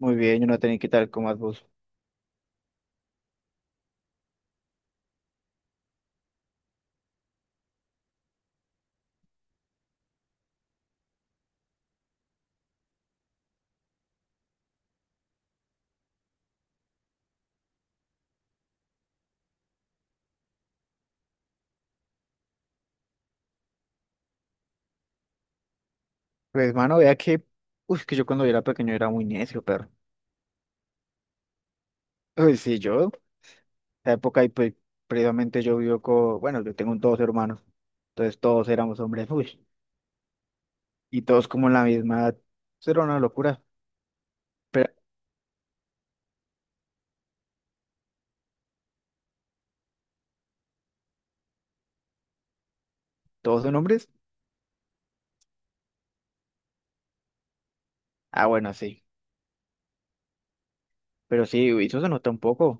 Muy bien, yo no tenía que tal como vos. Pues, mano, vea que yo cuando era pequeño era muy necio, pero, uy, sí, yo, la época, y pues, previamente yo vivo con, bueno, yo tengo dos hermanos, entonces todos éramos hombres, uy, y todos como en la misma edad, eso era una locura, pero, ¿todos son hombres? Ah, bueno, sí, pero sí, uy, eso se nota un poco,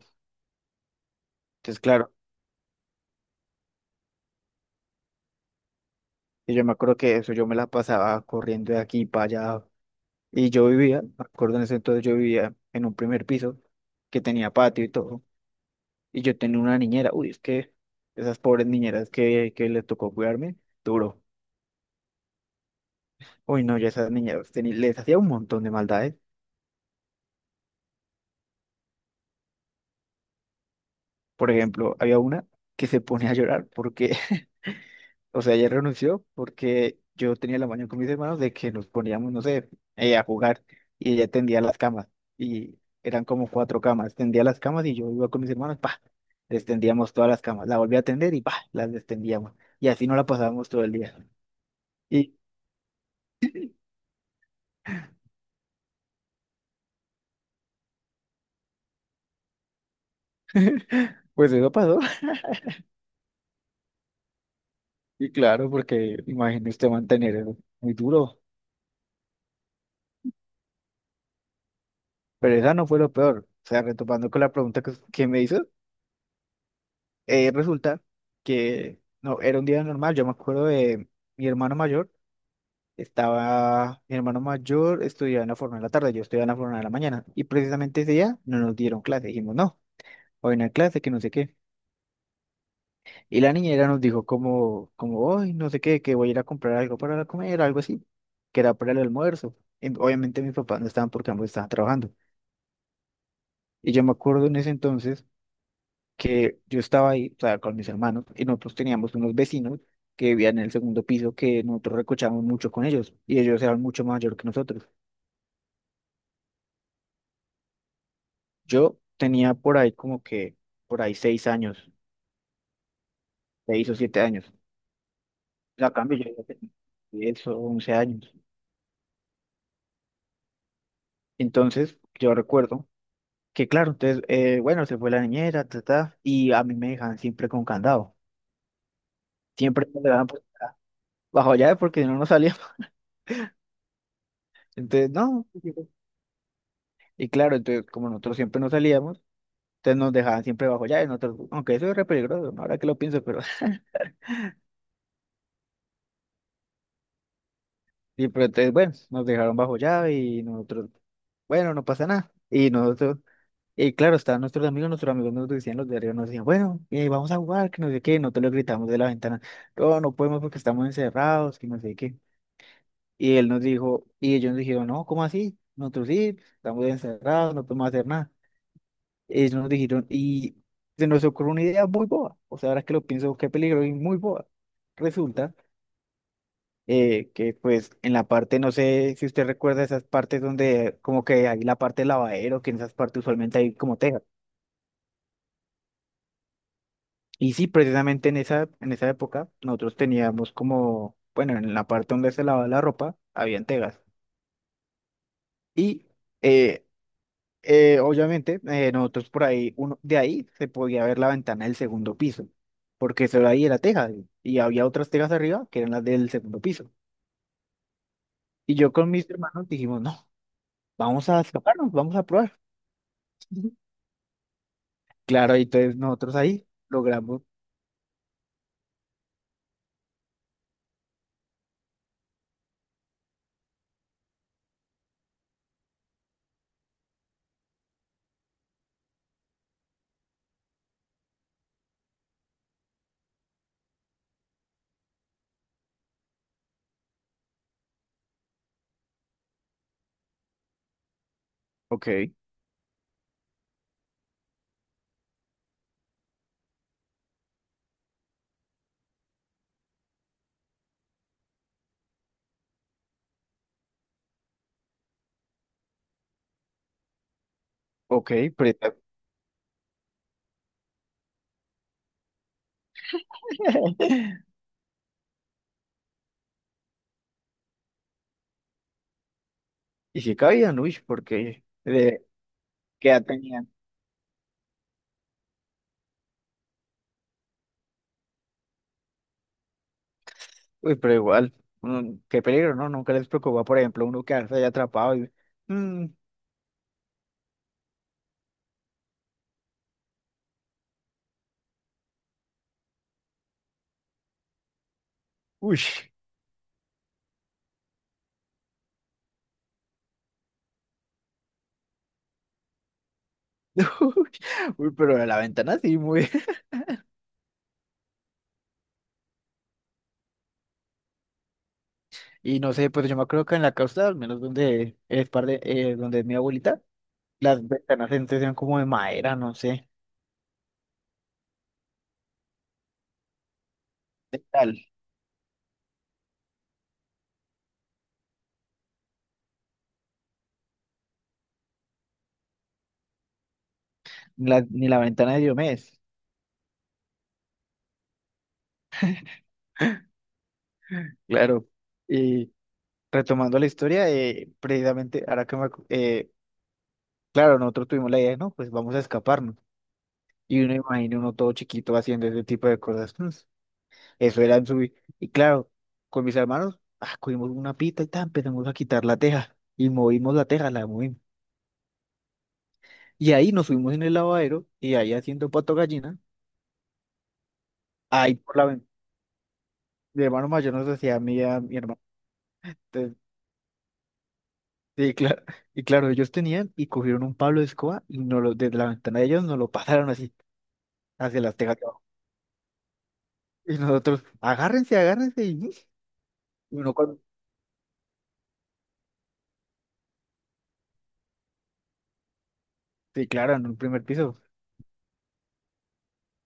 entonces, claro, y yo me acuerdo que eso, yo me la pasaba corriendo de aquí para allá, y yo vivía, me acuerdo en ese entonces yo vivía en un primer piso, que tenía patio y todo. Y yo tenía una niñera. Uy, es que esas pobres niñeras que les tocó cuidarme, duro. Uy, no, ya esas niñeras les hacía un montón de maldades. Por ejemplo, había una que se ponía a llorar porque, o sea, ella renunció porque yo tenía la mañana con mis hermanos de que nos poníamos, no sé, a jugar y ella tendía las camas. Y eran como cuatro camas. Tendía las camas y yo iba con mis hermanos, pa, destendíamos todas las camas. La volví a tender y pa, las destendíamos. Y así no la pasábamos todo el día. Y pues eso pasó. Y claro, porque imagínese mantener eso, muy duro. Pero esa no fue lo peor. O sea, retomando con la pregunta que me hizo, resulta que no, era un día normal. Yo me acuerdo de mi hermano mayor, estaba, mi hermano mayor estudiaba en la forma de la tarde, yo estudiaba en la forma de la mañana. Y precisamente ese día no nos dieron clase. Dijimos, no, hoy no hay clase, que no sé qué. Y la niñera nos dijo como, hoy no sé qué, que voy a ir a comprar algo para comer, algo así, que era para el almuerzo. Y obviamente mis papás no estaban porque ambos estaban trabajando. Y yo me acuerdo en ese entonces que yo estaba ahí, o sea, con mis hermanos, y nosotros teníamos unos vecinos que vivían en el segundo piso que nosotros recochábamos mucho con ellos, y ellos eran mucho mayor que nosotros. Yo tenía por ahí como que, por ahí 6 años, 6 o 7 años. A cambio, yo ya tenía 10 u 11 años. Entonces, yo recuerdo que, claro, entonces, bueno, se fue la niñera, ta, ta, y a mí me dejaban siempre con candado. Siempre me dejaban pues, bajo llave porque si no nos salíamos. Entonces, no. Y claro, entonces como nosotros siempre nos salíamos, entonces nos dejaban siempre bajo llave, nosotros, aunque eso es re peligroso, ¿no? Ahora que lo pienso, pero sí, pero entonces bueno, nos dejaron bajo llave y nosotros, bueno, no pasa nada. Y nosotros, y claro, estaban nuestros amigos nos decían los de arriba, nos decían, bueno, vamos a jugar, que no sé qué, nosotros le gritamos de la ventana, no, no podemos porque estamos encerrados, que no sé qué. Y él nos dijo, y ellos nos dijeron, no, ¿cómo así? Nosotros sí, estamos encerrados, no podemos hacer nada. Ellos nos dijeron, y se nos ocurrió una idea muy boba. O sea, ahora que lo pienso, qué peligro y muy boba. Resulta que, pues, en la parte, no sé si usted recuerda esas partes donde, como que hay la parte del lavadero, que en esas partes usualmente hay como tejas. Y sí, precisamente en esa época, nosotros teníamos como, bueno, en la parte donde se lavaba la ropa, habían tejas. Y eh, obviamente, nosotros por ahí, uno, de ahí se podía ver la ventana del segundo piso, porque solo ahí era teja y había otras tejas arriba que eran las del segundo piso. Y yo con mis hermanos dijimos, no, vamos a escaparnos, vamos a probar. Claro, y entonces nosotros ahí logramos, ok, ok, pero está bien. Y si cabían, uy, porque de qué edad tenían, uy, pero igual, qué peligro, ¿no? Nunca les preocupaba, por ejemplo, uno quedarse ahí atrapado y, mm, uy. Uy, uy, pero de la ventana sí, muy. Y no sé, pues yo me acuerdo que en la costa, al menos donde es par de, donde es mi abuelita, las ventanas antes eran como de madera, no sé, de tal. La- ni la ventana de Diomedes, claro. Y retomando la historia, precisamente ahora que claro, nosotros tuvimos la idea, ¿no? Pues vamos a escaparnos. Y uno imagina uno todo chiquito haciendo ese tipo de cosas. Eso era subir. Y claro, con mis hermanos, ah, cogimos una pita y tal, empezamos a quitar la teja. Y movimos la teja, la movimos. Y ahí nos fuimos en el lavadero y ahí haciendo pato gallina. Ahí por la ven- Mi hermano mayor nos decía a mí, y a mi hermano. Entonces, sí, claro. Y claro, ellos tenían y cogieron un pablo de escoba y nos lo, desde la ventana de ellos nos lo pasaron así, hacia las tejas de abajo. Y nosotros, agárrense, agárrense. Y uno cuando, sí, claro, en un primer piso.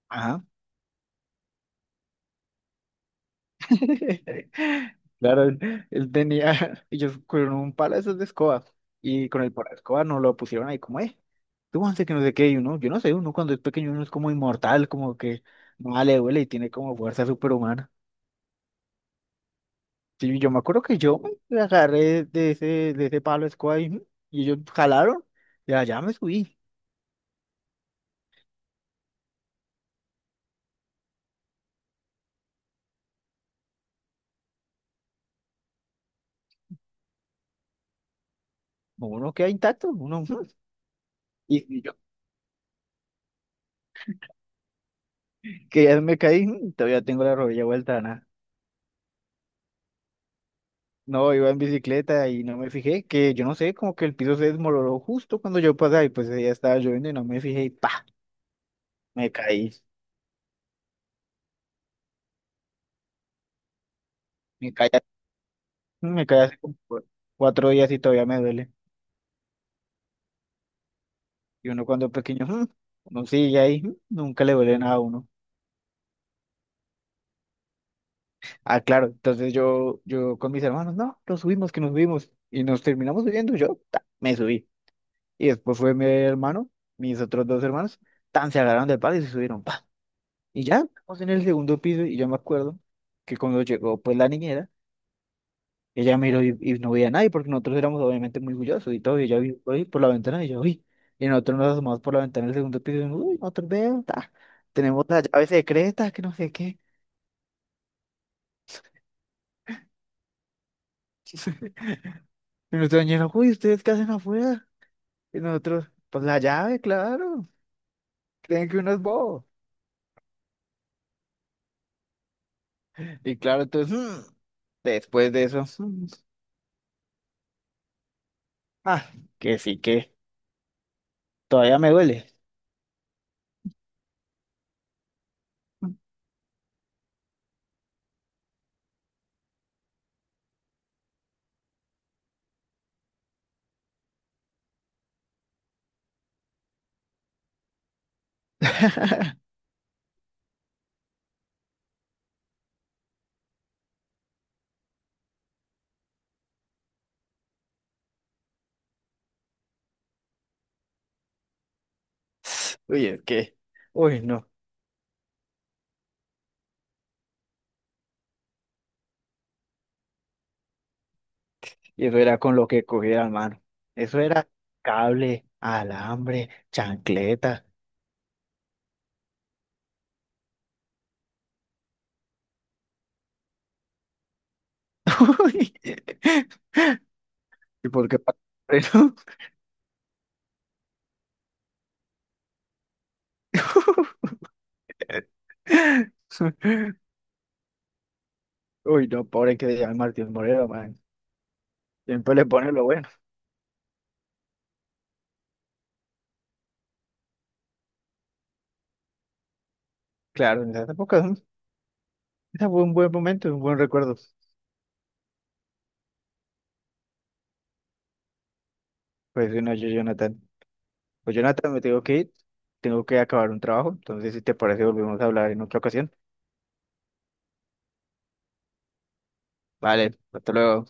Ajá. Claro, él tenía, ellos cogieron un palo de esos de escoba y con el palo de escoba nos lo pusieron ahí como, tú antes que no sé qué, y uno, yo no sé, uno cuando es pequeño uno es como inmortal, como que no le duele y tiene como fuerza superhumana. Sí, yo me acuerdo que yo me agarré de ese palo de escoba y ellos jalaron y allá me subí. Uno queda intacto, uno, y yo que ya me caí, todavía tengo la rodilla vuelta, no, iba en bicicleta y no me fijé, que yo no sé, como que el piso se desmoronó justo cuando yo pasé y pues ya estaba lloviendo y no me fijé y pa, me caí. Me caí, me caí hace como 4 días y todavía me duele. Y uno cuando es pequeño, uno sigue ahí, nunca le duele nada a uno. Ah, claro, entonces yo con mis hermanos, no, nos subimos, que nos subimos. Y nos terminamos subiendo, yo ta, me subí. Y después fue mi hermano, mis otros dos hermanos, tan se agarraron del palo y se subieron. Y ya, estamos en el segundo piso y yo me acuerdo que cuando llegó pues la niñera, ella miró y no veía a nadie porque nosotros éramos obviamente muy orgullosos y todo, y ella vio ahí por la ventana y yo, uy, y nosotros nos asomamos por la ventana del segundo piso y uy, nosotros vemos, ta, tenemos las llaves secretas, que no sé qué. Y nuestra niñera, uy, ¿ustedes qué hacen afuera? Y nosotros, pues la llave, claro, creen que uno es bobo. Y claro, entonces, después de eso, ah, que sí que todavía me duele. Uy, es que, uy, no. Y eso era con lo que cogía hermano. Eso era cable, alambre, chancleta. Uy, ¿y por qué? Pa- Pero- Uy, no, pobre que se llama Martín Moreno, man. Siempre le pone lo bueno. Claro, en esa época, ¿no? Ese fue un buen momento, un buen recuerdo. Pues sí, no, yo, Jonathan. Pues Jonathan, me tengo que ir. Tengo que acabar un trabajo. Entonces, si te parece, volvemos a hablar en otra ocasión. Vale, hasta luego.